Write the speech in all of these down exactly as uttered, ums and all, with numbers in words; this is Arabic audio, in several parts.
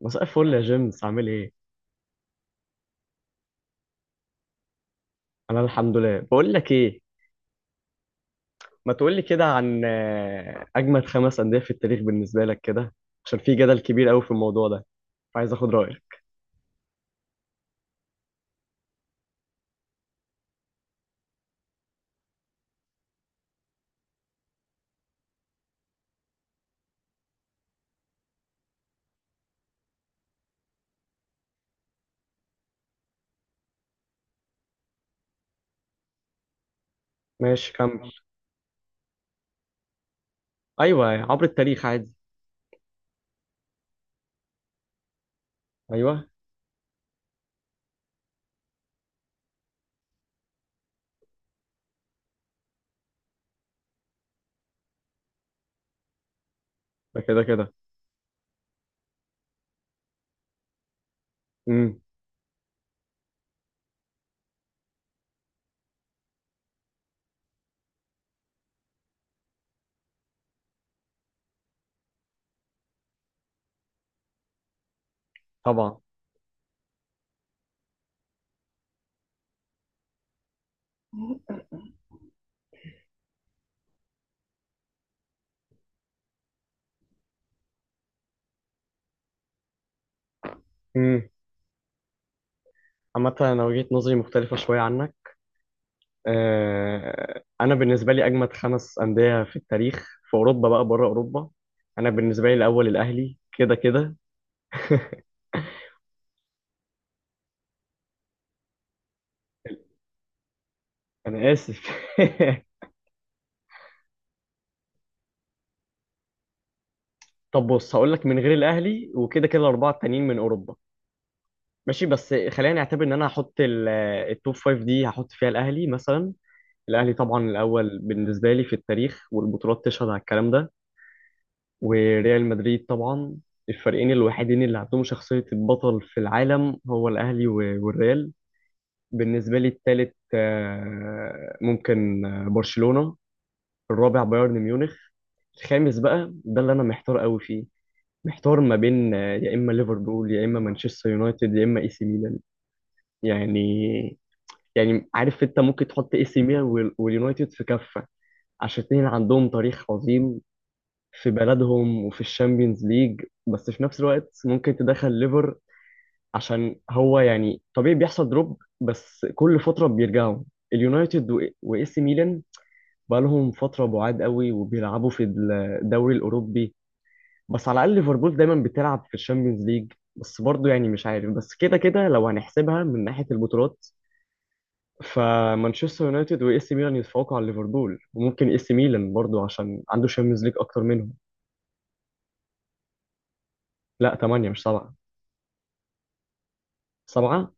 مساء الفل يا جيمس، عامل ايه؟ انا الحمد لله. بقول لك ايه، ما تقول لي كده عن آه، اجمد خمس انديه في التاريخ بالنسبه لك كده. عشان في جدل كبير قوي في الموضوع ده، فعايز اخد رايك. ماشي كمل. ايوه، عبر التاريخ عادي. ايوه. ده كده كده. امم. طبعا. امم. عامه انا وجهه نظري مختلفه شويه عنك. آه، انا بالنسبه لي اجمد خمس انديه في التاريخ في اوروبا، بقى بره اوروبا. انا بالنسبه لي الاول الاهلي كده كده. انا اسف. طب بص، هقول لك من غير الاهلي، وكده كده الاربعه التانيين من اوروبا. ماشي، بس خلينا نعتبر ان انا هحط ال- التوب فايف دي، هحط فيها الاهلي مثلا. الاهلي طبعا الاول بالنسبه لي في التاريخ، والبطولات تشهد على الكلام ده. وريال مدريد طبعا. الفريقين الوحيدين اللي عندهم شخصيه البطل في العالم هو الاهلي و- والريال. بالنسبه لي التالت آه، ممكن آه، برشلونه. الرابع بايرن ميونخ. الخامس بقى ده اللي انا محتار قوي فيه. محتار ما بين آه، يا اما ليفربول، يا اما مانشستر يونايتد، يا اما اي سي ميلان. يعني، يعني عارف انت ممكن تحط اي سي ميلان وال- واليونايتد في كفه، عشان الاثنين عندهم تاريخ عظيم في بلدهم وفي الشامبيونز ليج. بس في نفس الوقت ممكن تدخل ليفر، عشان هو يعني طبيعي بيحصل دروب، بس كل فتره بيرجعوا. اليونايتد واي سي ميلان بقالهم فتره بعاد قوي، وبيلعبوا في الدوري الاوروبي. بس على الاقل ليفربول دايما بتلعب في الشامبيونز ليج. بس برضه يعني مش عارف، بس كده كده لو هنحسبها من ناحيه البطولات، فمانشستر يونايتد واي سي ميلان يتفوقوا على ليفربول. وممكن اي سي ميلان برضه، عشان عنده شامبيونز ليج اكتر منهم. لا، تمانية مش سبعة. سبعة.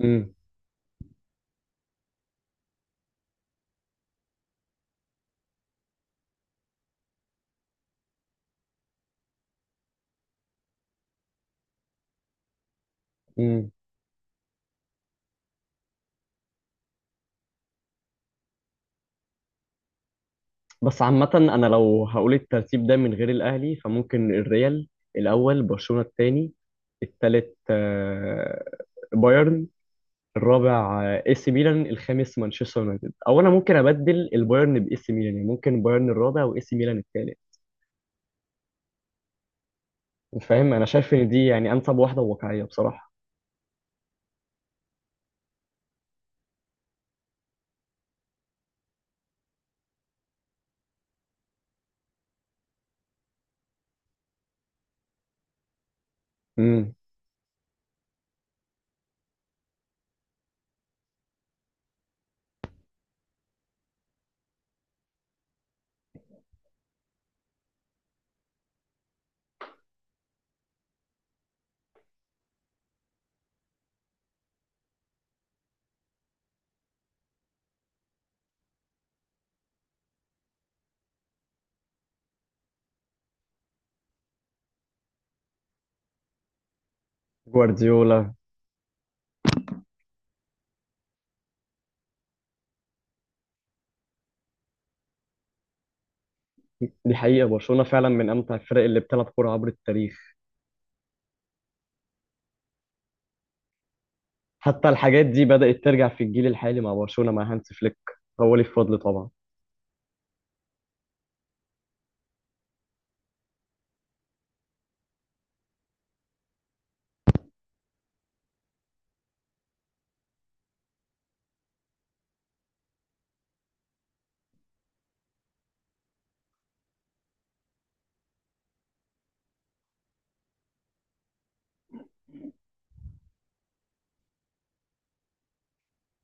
امم. امم. بس عامه انا لو هقول الترتيب ده من غير الاهلي، فممكن الريال الاول، برشلونه الثاني، الثالث بايرن، الرابع اي سي ميلان، الخامس مانشستر يونايتد. او انا ممكن ابدل البايرن باي سي ميلان، يعني ممكن بايرن الرابع واي سي ميلان الثالث. فاهم، انا شايف ان دي يعني انسب واحده وواقعيه بصراحه. امم. جوارديولا. دي حقيقه، برشلونه فعلا من امتع الفرق اللي بتلعب كوره عبر التاريخ. حتى الحاجات دي بدات ترجع في الجيل الحالي مع برشلونه مع هانس فليك. هو ليه فضل طبعا.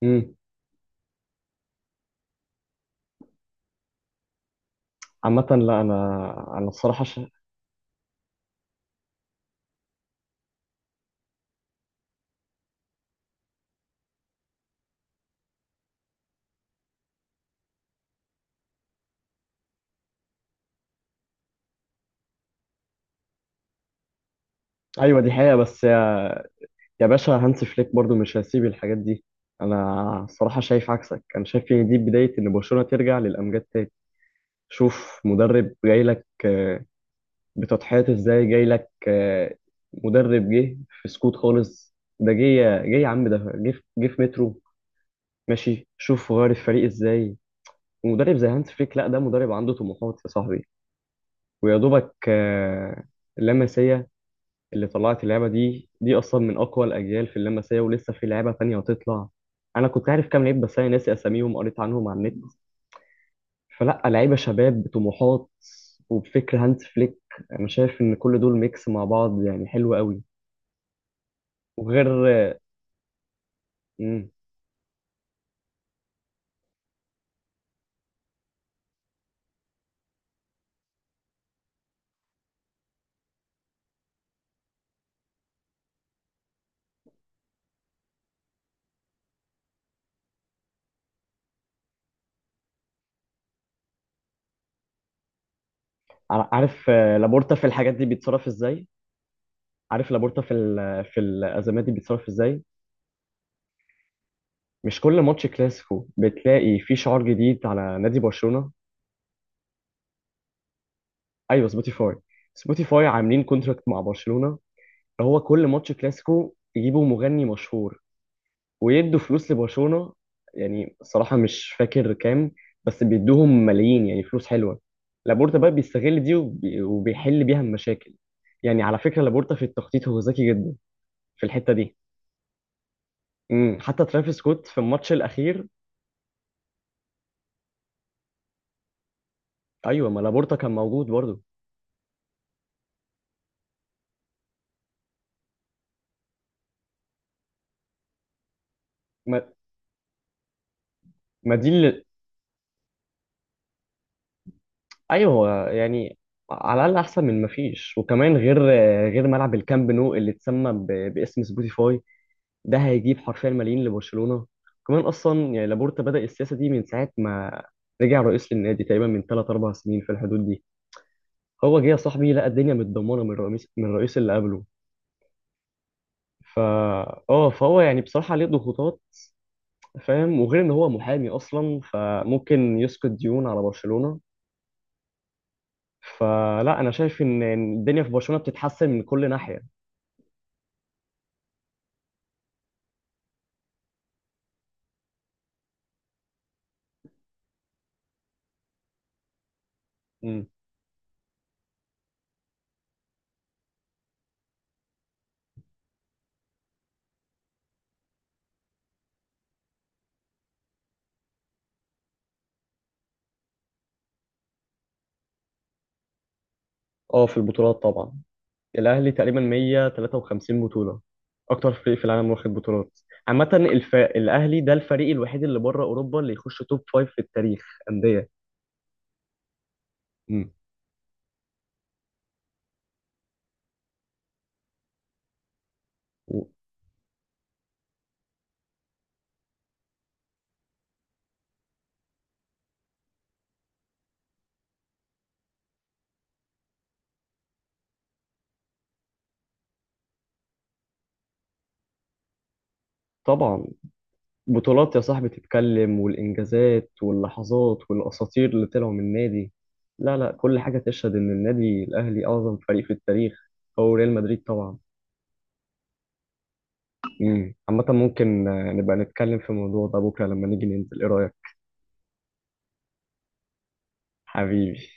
امم. عامه لا، انا انا الصراحه ش... ايوه دي حقيقه، بس يا باشا هانس فليك برضو مش هسيب الحاجات دي. انا الصراحه شايف عكسك. انا شايف ان دي بدايه ان برشلونه ترجع للامجاد تاني. شوف مدرب جاي لك آه، بتضحيات ازاي، جاي لك آه، مدرب جه في سكوت خالص. ده جه جه يا عم، ده جه في- جه في مترو. ماشي، شوف غير الفريق ازاي. ومدرب زي هانس فليك، لا ده مدرب عنده طموحات يا صاحبي. ويا دوبك آه، لمسيه اللي طلعت، اللعبة دي دي أصلا من أقوى الأجيال في اللمسية. ولسه في لعبة تانية هتطلع. أنا كنت عارف كام لعيب، بس أنا ناسي أساميهم، قريت عنهم على النت. فلا، لعيبة شباب بطموحات وبفكر هانز فليك. أنا شايف إن كل دول ميكس مع بعض يعني حلو قوي. وغير مم. ع- عارف آه، لابورتا في الحاجات دي بيتصرف إزاي؟ عارف لابورتا في ال... في الأزمات دي بيتصرف إزاي؟ مش كل ماتش كلاسيكو بتلاقي فيه شعار جديد على نادي برشلونة؟ أيوه، سبوتيفاي. سبوتيفاي عاملين كونتراكت مع برشلونة. هو كل ماتش كلاسيكو يجيبوا مغني مشهور ويدوا فلوس لبرشلونة. يعني صراحة مش فاكر كام، بس بيدوهم ملايين، يعني فلوس حلوة. لابورتا بقى بيستغل دي وبي- وبيحل بيها المشاكل. يعني على فكرة لابورتا في التخطيط هو ذكي جدا في الحتة دي. امم، حتى ترافيس سكوت في الماتش الأخير. أيوة، ما لابورتا كان موجود برضه. ما, ما دي اللي... أيوة هو يعني على الأقل أحسن من ما فيش. وكمان غير، غير ملعب الكامب نو اللي اتسمى ب... باسم سبوتيفاي، ده هيجيب حرفيا ملايين لبرشلونه. كمان اصلا يعني لابورتا بدا السياسه دي من ساعه ما رجع رئيس للنادي، تقريبا من ثلاث اربعة سنين في الحدود دي. هو جه يا صاحبي لقى الدنيا متدمره من الرئيس من الرئيس اللي قبله. فا، اه، فهو يعني بصراحه عليه ضغوطات، فاهم. وغير ان هو محامي اصلا، فممكن يسقط ديون على برشلونه. فلا، انا شايف ان إن الدنيا في برشلونه بتتحسن من كل ناحيه. مم. اه، في البطولات طبعا. الأهلي تقريبا مية وتلاتة وخمسين بطولة، أكتر فريق في العالم واخد بطولات. عامة الف... الأهلي ده الفريق الوحيد اللي بره أوروبا اللي يخش توب فايف في التاريخ أندية. مم. و- طبعا بطولات يا صاحبي تتكلم، والإنجازات واللحظات والأساطير اللي طلعوا من النادي. لا لا، كل حاجة تشهد إن النادي الأهلي أعظم فريق في التاريخ. هو ريال مدريد طبعا. مم. عامة ممكن آه، نبقى نتكلم في الموضوع ده بكرة لما نيجي ننزل، إيه رأيك؟ حبيبي.